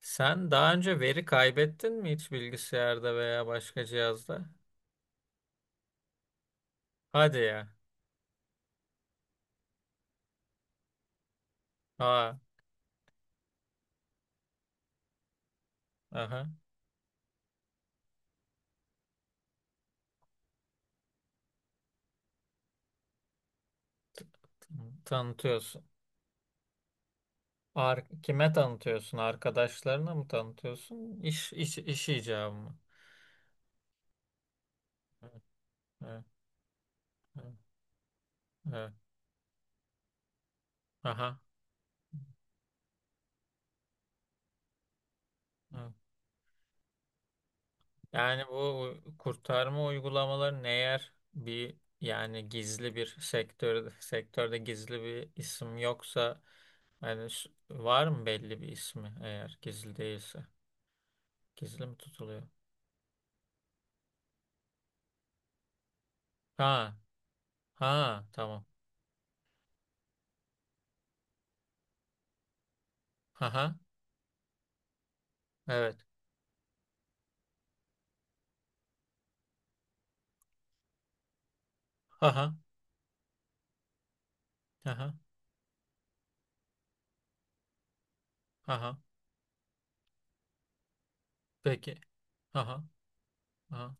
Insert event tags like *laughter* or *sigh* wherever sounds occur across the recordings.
Sen daha önce veri kaybettin mi hiç bilgisayarda veya başka cihazda? Hadi ya. Aa, aha. Tanıtıyorsun. Kime tanıtıyorsun? Arkadaşlarına mı tanıtıyorsun? İş icabı mı? Evet, evet, evet, evet. Aha. Evet. Yani bu kurtarma uygulamaları ne yer bir yani gizli bir sektörde gizli bir isim yoksa yani var mı belli bir ismi eğer gizli değilse? Gizli mi tutuluyor? Ha, ha, tamam. Haha, evet. Haha, haha, haha. Peki. Haha, ha.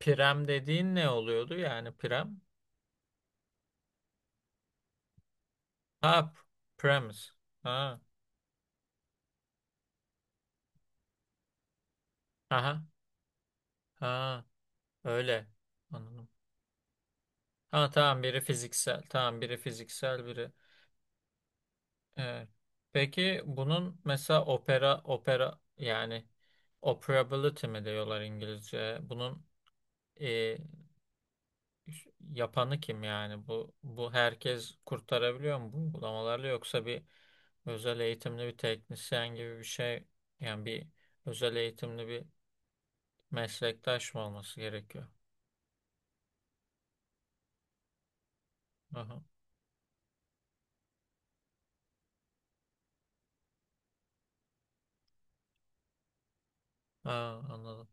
Prem dediğin ne oluyordu yani prem? Ha, premise. Ha, aha, ha, öyle. Anladım. Ha, tamam biri fiziksel, tamam biri fiziksel, biri. Evet. Peki bunun mesela opera, opera yani operability mi diyorlar İngilizce? Bunun e, yapanı kim yani? Bu herkes kurtarabiliyor mu bu uygulamalarla yoksa bir özel eğitimli bir teknisyen gibi bir şey yani bir özel eğitimli bir meslektaş mı olması gerekiyor? Aha. Ha, anladım.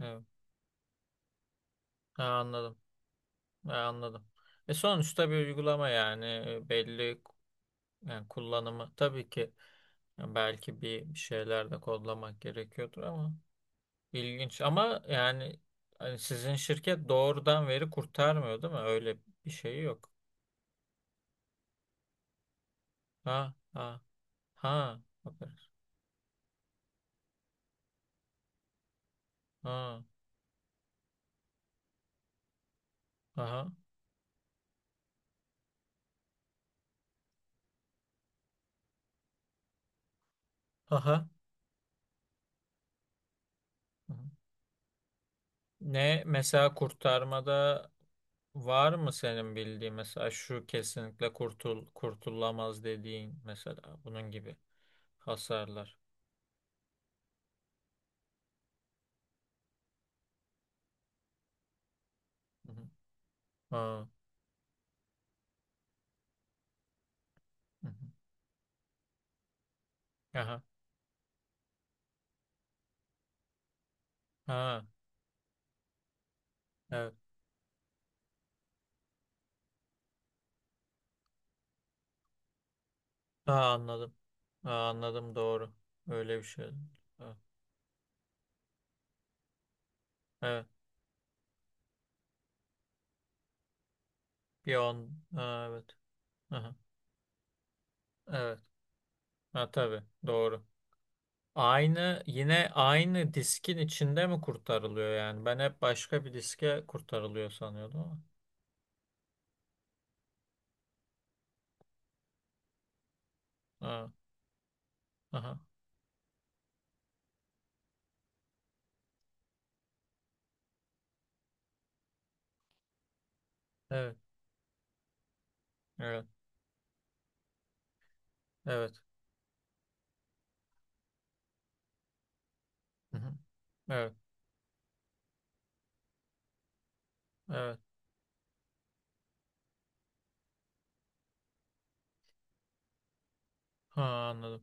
Evet. Ha, anladım. Ha, anladım. E sonuçta bir uygulama yani belli yani kullanımı tabii ki yani belki bir şeyler de kodlamak gerekiyordur ama İlginç ama yani hani sizin şirket doğrudan veri kurtarmıyor değil mi? Öyle bir şey yok. Ha ha ha, aferin. Ha, aha, aha. Hı. Ne mesela kurtarmada var mı senin bildiğin mesela şu kesinlikle kurtulamaz dediğin mesela bunun gibi hasarlar. Hı hı. Ha. Hı hı. Aha. Ha. Evet. Ha, anladım. Ha, anladım, doğru. Öyle bir şey. Ha, evet. Bir on. Ha, evet. Aha, evet. Ha, tabii. Doğru. Aynı, yine aynı diskin içinde mi kurtarılıyor yani? Ben hep başka bir diske kurtarılıyor sanıyordum ama. Ha, aha. Evet. Evet. Evet. Hı hı. Evet. Evet. Ha, anladım.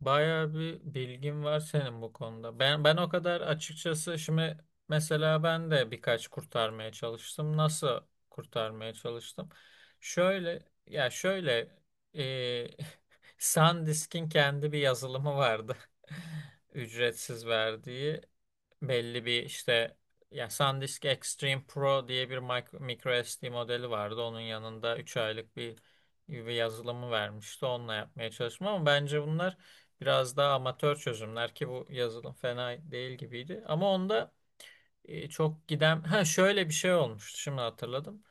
Bayağı bir bilgin var senin bu konuda. Ben o kadar açıkçası şimdi mesela ben de birkaç kurtarmaya çalıştım. Nasıl kurtarmaya çalıştım? Şöyle şöyle e, *laughs* SanDisk'in kendi bir yazılımı vardı. *laughs* Ücretsiz verdiği belli bir işte ya SanDisk Extreme Pro diye bir micro SD modeli vardı. Onun yanında 3 aylık bir yazılımı vermişti. Onunla yapmaya çalıştım ama bence bunlar biraz daha amatör çözümler ki bu yazılım fena değil gibiydi. Ama onda çok giden *laughs* ha, şöyle bir şey olmuştu. Şimdi hatırladım.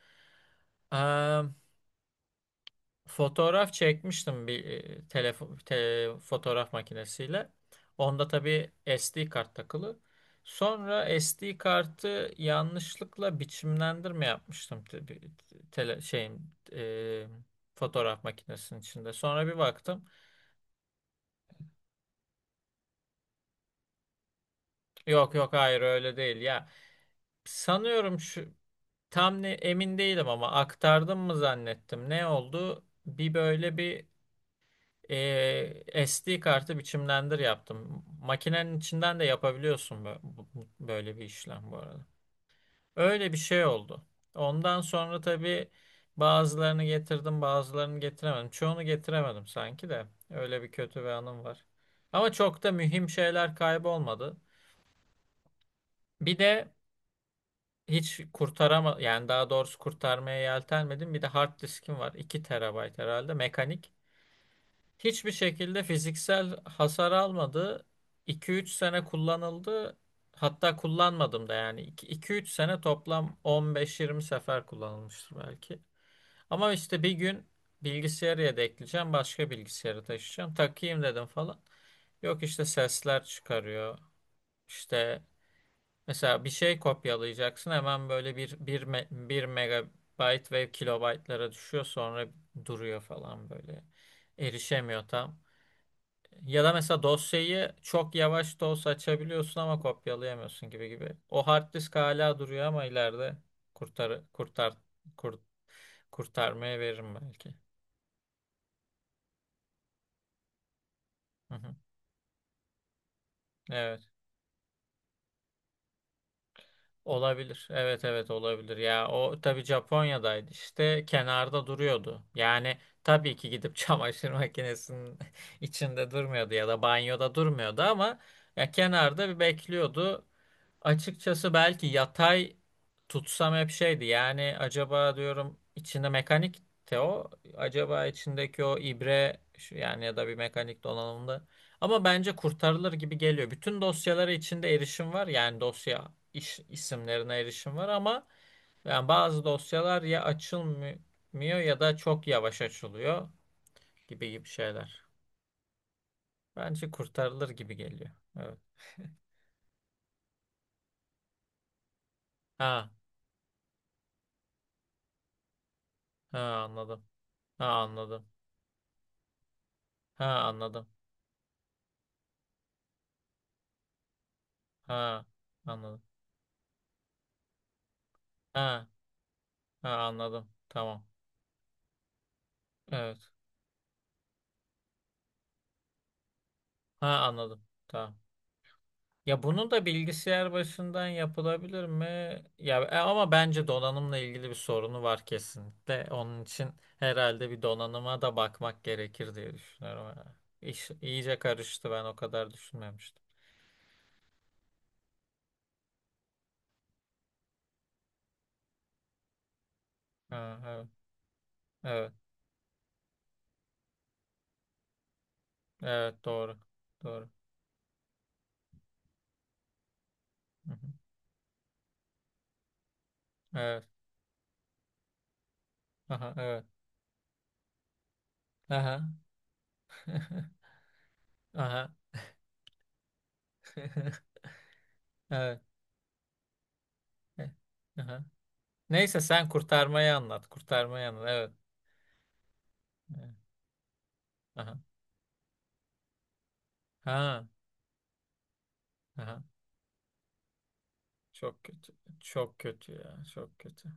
Fotoğraf çekmiştim bir fotoğraf makinesiyle. Onda tabii SD kart takılı. Sonra SD kartı yanlışlıkla biçimlendirme yapmıştım tele şeyin e, fotoğraf makinesinin içinde. Sonra bir baktım. Yok yok, hayır öyle değil ya. Sanıyorum şu tam ne, emin değilim ama aktardım mı zannettim. Ne oldu? Bir böyle bir SD kartı biçimlendir yaptım. Makinenin içinden de yapabiliyorsun böyle bir işlem bu arada. Öyle bir şey oldu. Ondan sonra tabii bazılarını getirdim, bazılarını getiremedim. Çoğunu getiremedim sanki de. Öyle bir kötü bir anım var. Ama çok da mühim şeyler kaybolmadı. Bir de hiç yani daha doğrusu kurtarmaya yeltenmedim. Bir de hard diskim var. 2 terabayt herhalde mekanik. Hiçbir şekilde fiziksel hasar almadı. 2 üç sene kullanıldı. Hatta kullanmadım da yani. 2-3 sene toplam 15-20 sefer kullanılmıştır belki. Ama işte bir gün bilgisayarı yedekleyeceğim. Başka bilgisayarı taşıyacağım. Takayım dedim falan. Yok işte sesler çıkarıyor. İşte mesela bir şey kopyalayacaksın. Hemen böyle bir megabayt ve kilobaytlara düşüyor. Sonra duruyor falan böyle. Erişemiyor tam. Ya da mesela dosyayı çok yavaş da olsa açabiliyorsun ama kopyalayamıyorsun gibi gibi. O hard disk hala duruyor ama ileride kurtar kurtar kur- kurtarmaya veririm belki. Hı hı. Evet. Olabilir. Evet evet olabilir. Ya o tabii Japonya'daydı işte kenarda duruyordu. Yani tabii ki gidip *laughs* çamaşır makinesinin içinde durmuyordu ya da banyoda durmuyordu ama ya kenarda bir bekliyordu. Açıkçası belki yatay tutsam hep şeydi. Yani acaba diyorum içinde mekanik de o. Acaba içindeki o ibre yani ya da bir mekanik donanımda. Ama bence kurtarılır gibi geliyor. Bütün dosyalara içinde erişim var. Yani dosya isimlerine erişim var ama yani bazı dosyalar ya açılmıyor ya da çok yavaş açılıyor gibi gibi şeyler. Bence kurtarılır gibi geliyor. Evet. Ha, ha anladım. Ha anladım. Ha anladım. Ha anladım. Ha, ha anladım. Tamam. Evet. Ha anladım. Tamam. Ya bunu da bilgisayar başından yapılabilir mi? Ya ama bence donanımla ilgili bir sorunu var kesinlikle. Onun için herhalde bir donanıma da bakmak gerekir diye düşünüyorum. Ha. İş iyice karıştı. Ben o kadar düşünmemiştim. Ha, evet. Evet. Evet, doğru. Doğru. Hı hı. Evet. Aha, evet. Aha. *laughs* Aha. *laughs* Evet. Aha. Neyse sen kurtarmayı anlat. Kurtarmayı anlat. Evet. Evet. Aha. Ha. Aha. Çok kötü. Çok kötü ya. Çok kötü.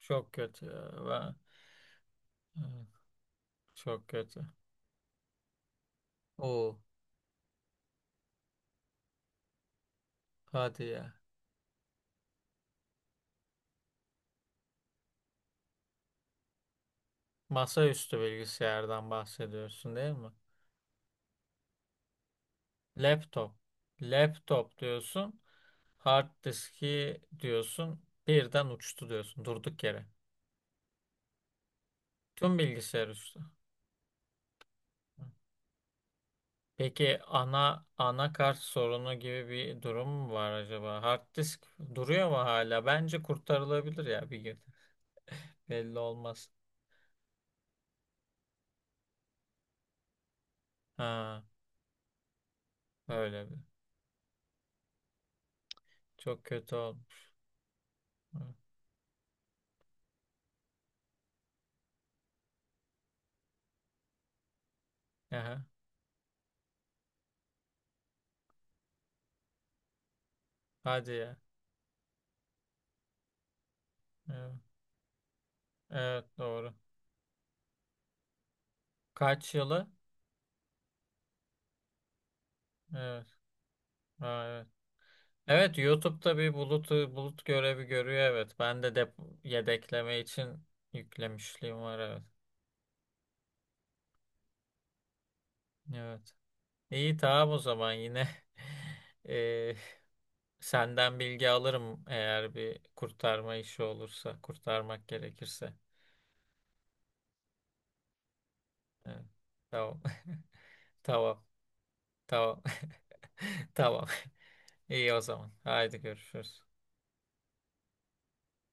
Çok kötü ya. Ben... Evet, çok kötü. Oo. Hadi ya. Masaüstü bilgisayardan bahsediyorsun değil mi? Laptop. Laptop diyorsun. Hard diski diyorsun. Birden uçtu diyorsun. Durduk yere. Tüm bilgisayar uçtu. Peki anakart sorunu gibi bir durum mu var acaba? Hard disk duruyor mu hala? Bence kurtarılabilir ya bir gün. *laughs* Belli olmaz. Ha, öyle bir. Çok kötü olmuş. Hı. Aha, hadi ya. Evet, evet, doğru. Kaç yılı? Evet. Ha, evet. Evet, YouTube'da bir bulut görevi görüyor, evet. Ben de yedekleme için yüklemişliğim var, evet. Evet. İyi, tamam o zaman yine. *laughs* Eee Senden bilgi alırım eğer bir kurtarma işi olursa, kurtarmak gerekirse. Evet. Tamam. *laughs* Tamam. Tamam. *laughs* Tamam. İyi o zaman. Haydi görüşürüz.